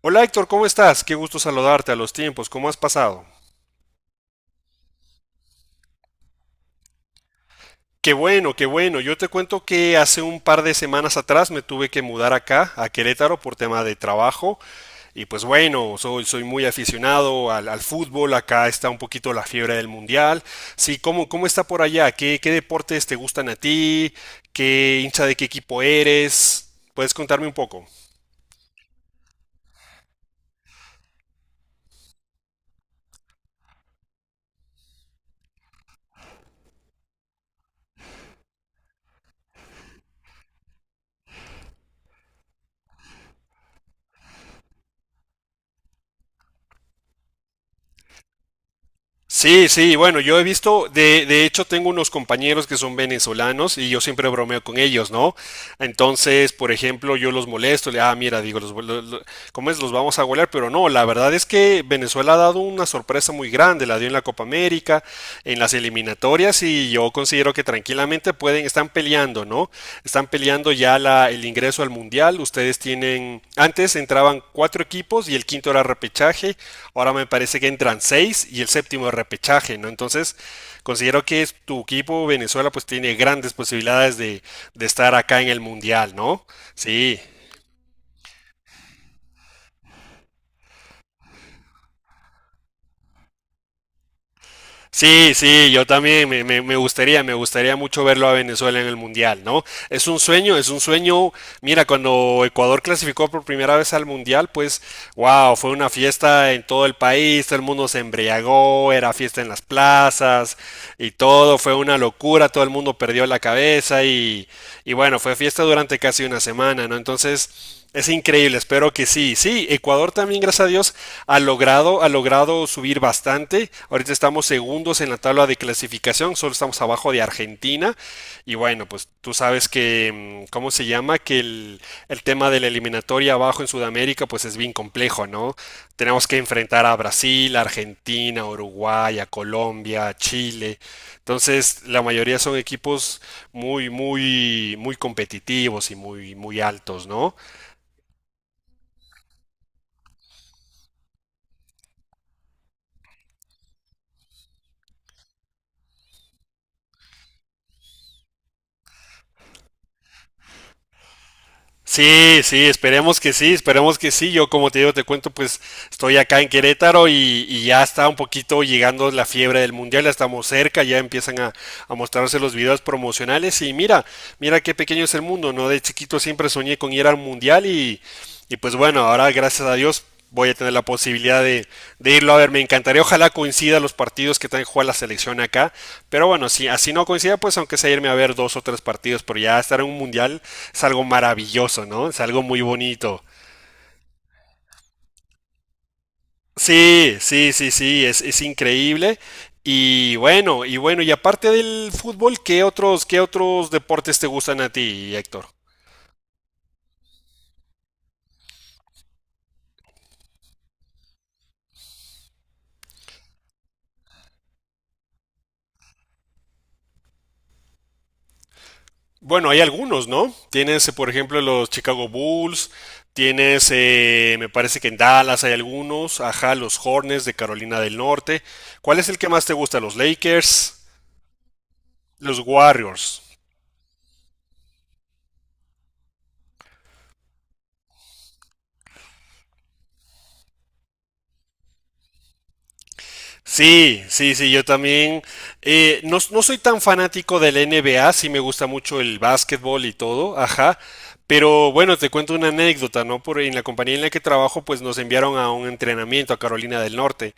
Hola Héctor, ¿cómo estás? Qué gusto saludarte a los tiempos, ¿cómo has pasado? Qué bueno, qué bueno. Yo te cuento que hace un par de semanas atrás me tuve que mudar acá, a Querétaro, por tema de trabajo. Y pues bueno, soy muy aficionado al fútbol. Acá está un poquito la fiebre del mundial. Sí, ¿cómo está por allá? ¿Qué deportes te gustan a ti? ¿Qué hincha de qué equipo eres? ¿Puedes contarme un poco? Sí, sí, bueno, yo he visto, de hecho tengo unos compañeros que son venezolanos y yo siempre bromeo con ellos, ¿no? Entonces, por ejemplo, yo los molesto, ah, mira, digo, ¿cómo es? Los vamos a golear, pero no, la verdad es que Venezuela ha dado una sorpresa muy grande, la dio en la Copa América. Rica en las eliminatorias y yo considero que tranquilamente pueden, están peleando, ¿no? Están peleando ya el ingreso al Mundial. Ustedes tienen, antes entraban cuatro equipos y el quinto era repechaje, ahora me parece que entran seis y el séptimo es repechaje, ¿no? Entonces, considero que tu equipo Venezuela pues tiene grandes posibilidades de estar acá en el Mundial, ¿no? Sí. Sí, sí, yo también me gustaría mucho verlo a Venezuela en el Mundial, ¿no? Es un sueño, es un sueño. Mira, cuando Ecuador clasificó por primera vez al Mundial, pues wow, fue una fiesta en todo el país, todo el mundo se embriagó, era fiesta en las plazas y todo, fue una locura, todo el mundo perdió la cabeza y bueno, fue fiesta durante casi una semana, ¿no? Entonces. Es increíble, espero que sí. Sí, Ecuador también, gracias a Dios, ha logrado subir bastante. Ahorita estamos segundos en la tabla de clasificación, solo estamos abajo de Argentina, y bueno, pues tú sabes que, ¿cómo se llama? Que el tema de la eliminatoria abajo en Sudamérica, pues es bien complejo, ¿no? Tenemos que enfrentar a Brasil, a Argentina, a Uruguay, a Colombia, a Chile. Entonces, la mayoría son equipos muy, muy, muy competitivos y muy, muy altos, ¿no? Sí, sí, esperemos que sí, esperemos que sí. Yo, como te digo, te cuento, pues estoy acá en Querétaro y ya está un poquito llegando la fiebre del mundial, ya estamos cerca, ya empiezan a mostrarse los videos promocionales y mira, mira qué pequeño es el mundo, ¿no? De chiquito siempre soñé con ir al mundial y pues bueno, ahora gracias a Dios voy a tener la posibilidad de irlo a ver. Me encantaría, ojalá coincida los partidos que también juega la selección acá. Pero bueno, si así no coincida, pues aunque sea irme a ver dos o tres partidos, pero ya estar en un mundial es algo maravilloso, ¿no? Es algo muy bonito. Sí, sí, sí, sí, es increíble. Y bueno, y aparte del fútbol, ¿qué otros deportes te gustan a ti, Héctor? Bueno, hay algunos, ¿no? Tienes, por ejemplo, los Chicago Bulls, tienes, me parece que en Dallas hay algunos, ajá, los Hornets de Carolina del Norte. ¿Cuál es el que más te gusta? ¿Los Lakers? ¿Los Warriors? Sí, sí, sí, yo también. No, no soy tan fanático del NBA, sí me gusta mucho el básquetbol y todo, ajá. Pero bueno, te cuento una anécdota, ¿no? Por en la compañía en la que trabajo, pues nos enviaron a un entrenamiento a Carolina del Norte,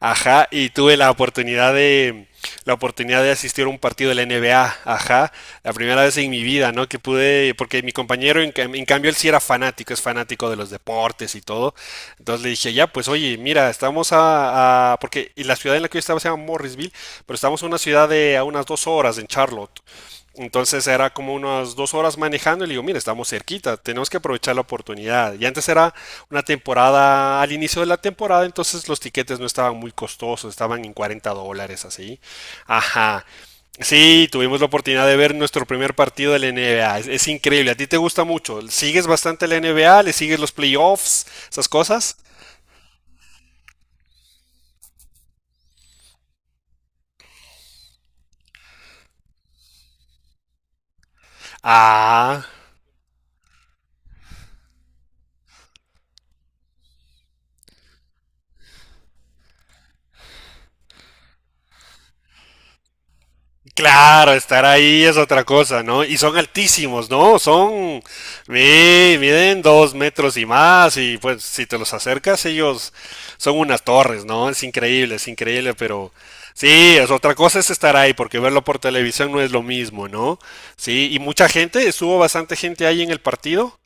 ajá, y tuve la oportunidad de asistir a un partido de la NBA, ajá, la primera vez en mi vida, ¿no? Que pude, porque mi compañero, en cambio, él sí era fanático, es fanático de los deportes y todo, entonces le dije, ya, pues oye, mira, estamos porque y la ciudad en la que yo estaba se llama Morrisville, pero estamos en una ciudad de a unas 2 horas en Charlotte. Entonces era como unas 2 horas manejando y le digo, mira, estamos cerquita, tenemos que aprovechar la oportunidad. Y antes era una temporada, al inicio de la temporada, entonces los tiquetes no estaban muy costosos, estaban en $40 así. Ajá. Sí, tuvimos la oportunidad de ver nuestro primer partido de la NBA. Es increíble. A ti te gusta mucho. Sigues bastante la NBA, le sigues los playoffs esas cosas. Ah, claro, estar ahí es otra cosa, ¿no? Y son altísimos, ¿no? Son, miden 2 metros y más y pues si te los acercas ellos son unas torres, ¿no? Es increíble, pero sí, es otra cosa es estar ahí porque verlo por televisión no es lo mismo, ¿no? Sí, y mucha gente, estuvo bastante gente ahí en el partido.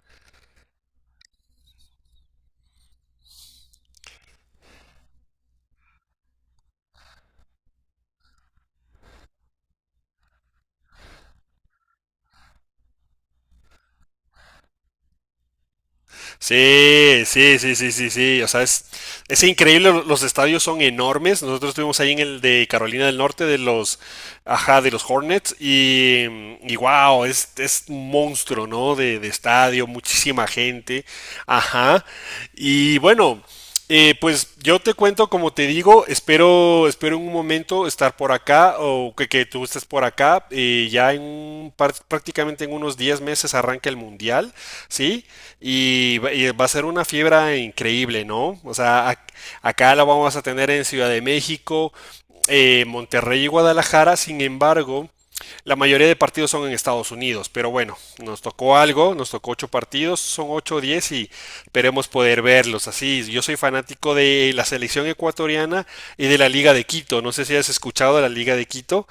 Sí, sí, sí, sí, sí, sí. O sea, es increíble. Los estadios son enormes. Nosotros estuvimos ahí en el de Carolina del Norte ajá, de los Hornets y wow, es un monstruo, ¿no? De estadio, muchísima gente, ajá. Y bueno, pues yo te cuento, como te digo, espero en un momento estar por acá o que tú estés por acá. Ya en un prácticamente en unos 10 meses arranca el mundial, ¿sí? Y, va a ser una fiebre increíble, ¿no? O sea, acá la vamos a tener en Ciudad de México, Monterrey y Guadalajara. Sin embargo, la mayoría de partidos son en Estados Unidos, pero bueno, nos tocó ocho partidos, son 8 o 10 y esperemos poder verlos. Así, yo soy fanático de la selección ecuatoriana y de la Liga de Quito. No sé si has escuchado de la Liga de Quito.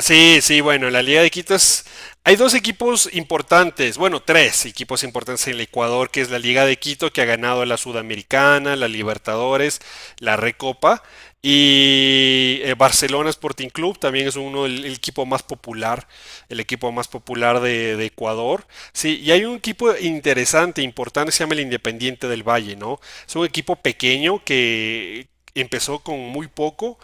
Sí, sí, bueno, la Liga de Quito es. Hay dos equipos importantes, bueno, tres equipos importantes en el Ecuador, que es la Liga de Quito, que ha ganado la Sudamericana, la Libertadores, la Recopa, y Barcelona Sporting Club también es uno el equipo más popular, el equipo más popular de Ecuador. Sí, y hay un equipo interesante, importante, se llama el Independiente del Valle, ¿no? Es un equipo pequeño que empezó con muy poco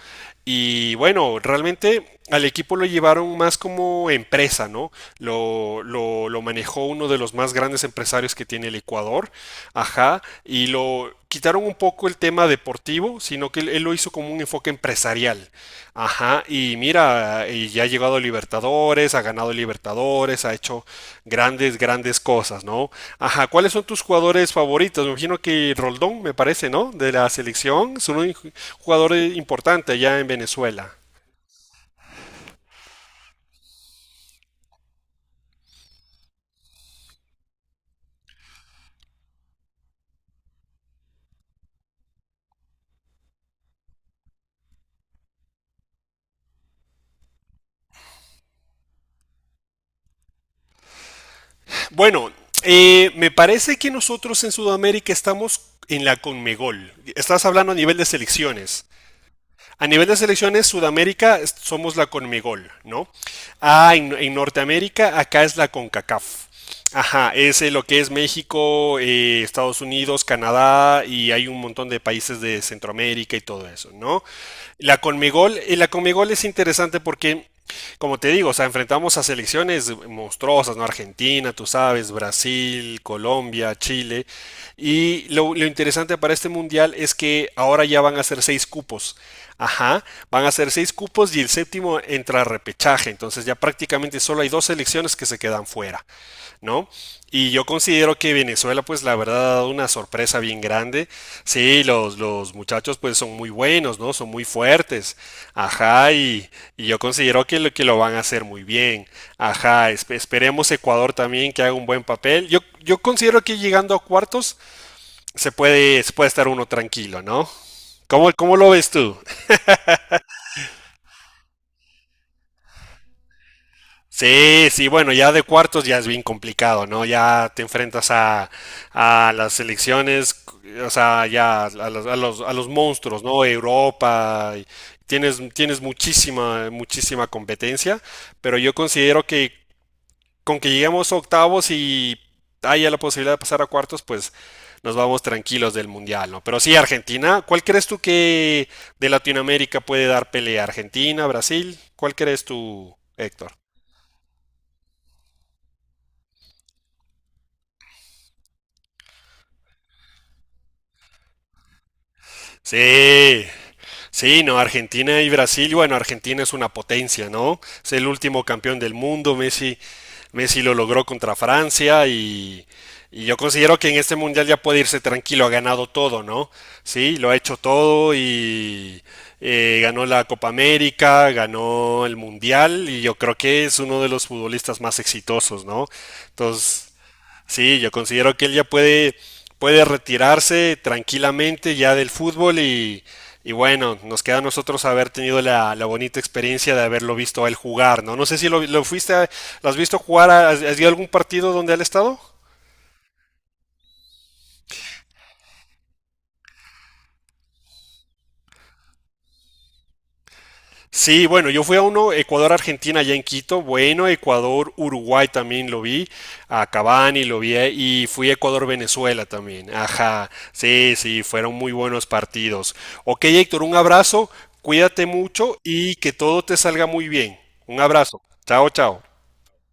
y bueno, realmente al equipo lo llevaron más como empresa, ¿no? Lo manejó uno de los más grandes empresarios que tiene el Ecuador, ajá, y lo quitaron un poco el tema deportivo, sino que él lo hizo como un enfoque empresarial, ajá, y mira, y ya ha llegado a Libertadores, ha ganado Libertadores, ha hecho grandes, grandes cosas, ¿no? Ajá, ¿cuáles son tus jugadores favoritos? Me imagino que Roldón, me parece, ¿no? De la selección, es un jugador importante allá en Venezuela. Bueno, me parece que nosotros en Sudamérica estamos en la Conmebol. Estás hablando a nivel de selecciones. A nivel de selecciones, Sudamérica somos la Conmebol, ¿no? Ah, en Norteamérica, acá es la CONCACAF. Ajá, es lo que es México, Estados Unidos, Canadá y hay un montón de países de Centroamérica y todo eso, ¿no? La Conmebol es interesante porque, como te digo, o sea, enfrentamos a selecciones monstruosas, ¿no? Argentina, tú sabes, Brasil, Colombia, Chile. Y lo interesante para este mundial es que ahora ya van a ser seis cupos. Ajá, van a ser seis cupos y el séptimo entra a repechaje, entonces ya prácticamente solo hay dos selecciones que se quedan fuera, ¿no? Y yo considero que Venezuela, pues la verdad, ha dado una sorpresa bien grande. Sí, los muchachos, pues son muy buenos, ¿no? Son muy fuertes. Ajá, y yo considero que que lo van a hacer muy bien. Ajá, esperemos Ecuador también que haga un buen papel. Yo considero que llegando a cuartos se puede estar uno tranquilo, ¿no? ¿Cómo lo ves tú? Sí, sí, bueno, ya de cuartos ya es bien complicado, ¿no? Ya te enfrentas a las selecciones, o sea, ya a los monstruos, ¿no? Europa, y tienes muchísima, muchísima competencia, pero yo considero que con que lleguemos a octavos y haya la posibilidad de pasar a cuartos, pues nos vamos tranquilos del mundial, ¿no? Pero sí, Argentina, ¿cuál crees tú que de Latinoamérica puede dar pelea? ¿Argentina, Brasil? ¿Cuál crees tú, Héctor? Sí, sí, no, Argentina y Brasil, bueno, Argentina es una potencia, ¿no? Es el último campeón del mundo, Messi, Messi lo logró contra Francia y yo considero que en este mundial ya puede irse tranquilo, ha ganado todo, ¿no? Sí, lo ha hecho todo y ganó la Copa América, ganó el mundial y yo creo que es uno de los futbolistas más exitosos, ¿no? Entonces, sí, yo considero que él ya puede retirarse tranquilamente ya del fútbol y bueno, nos queda a nosotros haber tenido la bonita experiencia de haberlo visto a él jugar, ¿no? No sé si ¿lo has visto jugar? ¿Has ido a algún partido donde él ha estado? Sí, bueno, yo fui a uno, Ecuador-Argentina allá en Quito, bueno, Ecuador-Uruguay también lo vi, a Cavani lo vi y fui a Ecuador-Venezuela también, ajá, sí, sí, fueron muy buenos partidos. Ok, Héctor, un abrazo, cuídate mucho y que todo te salga muy bien. Un abrazo, chao, chao.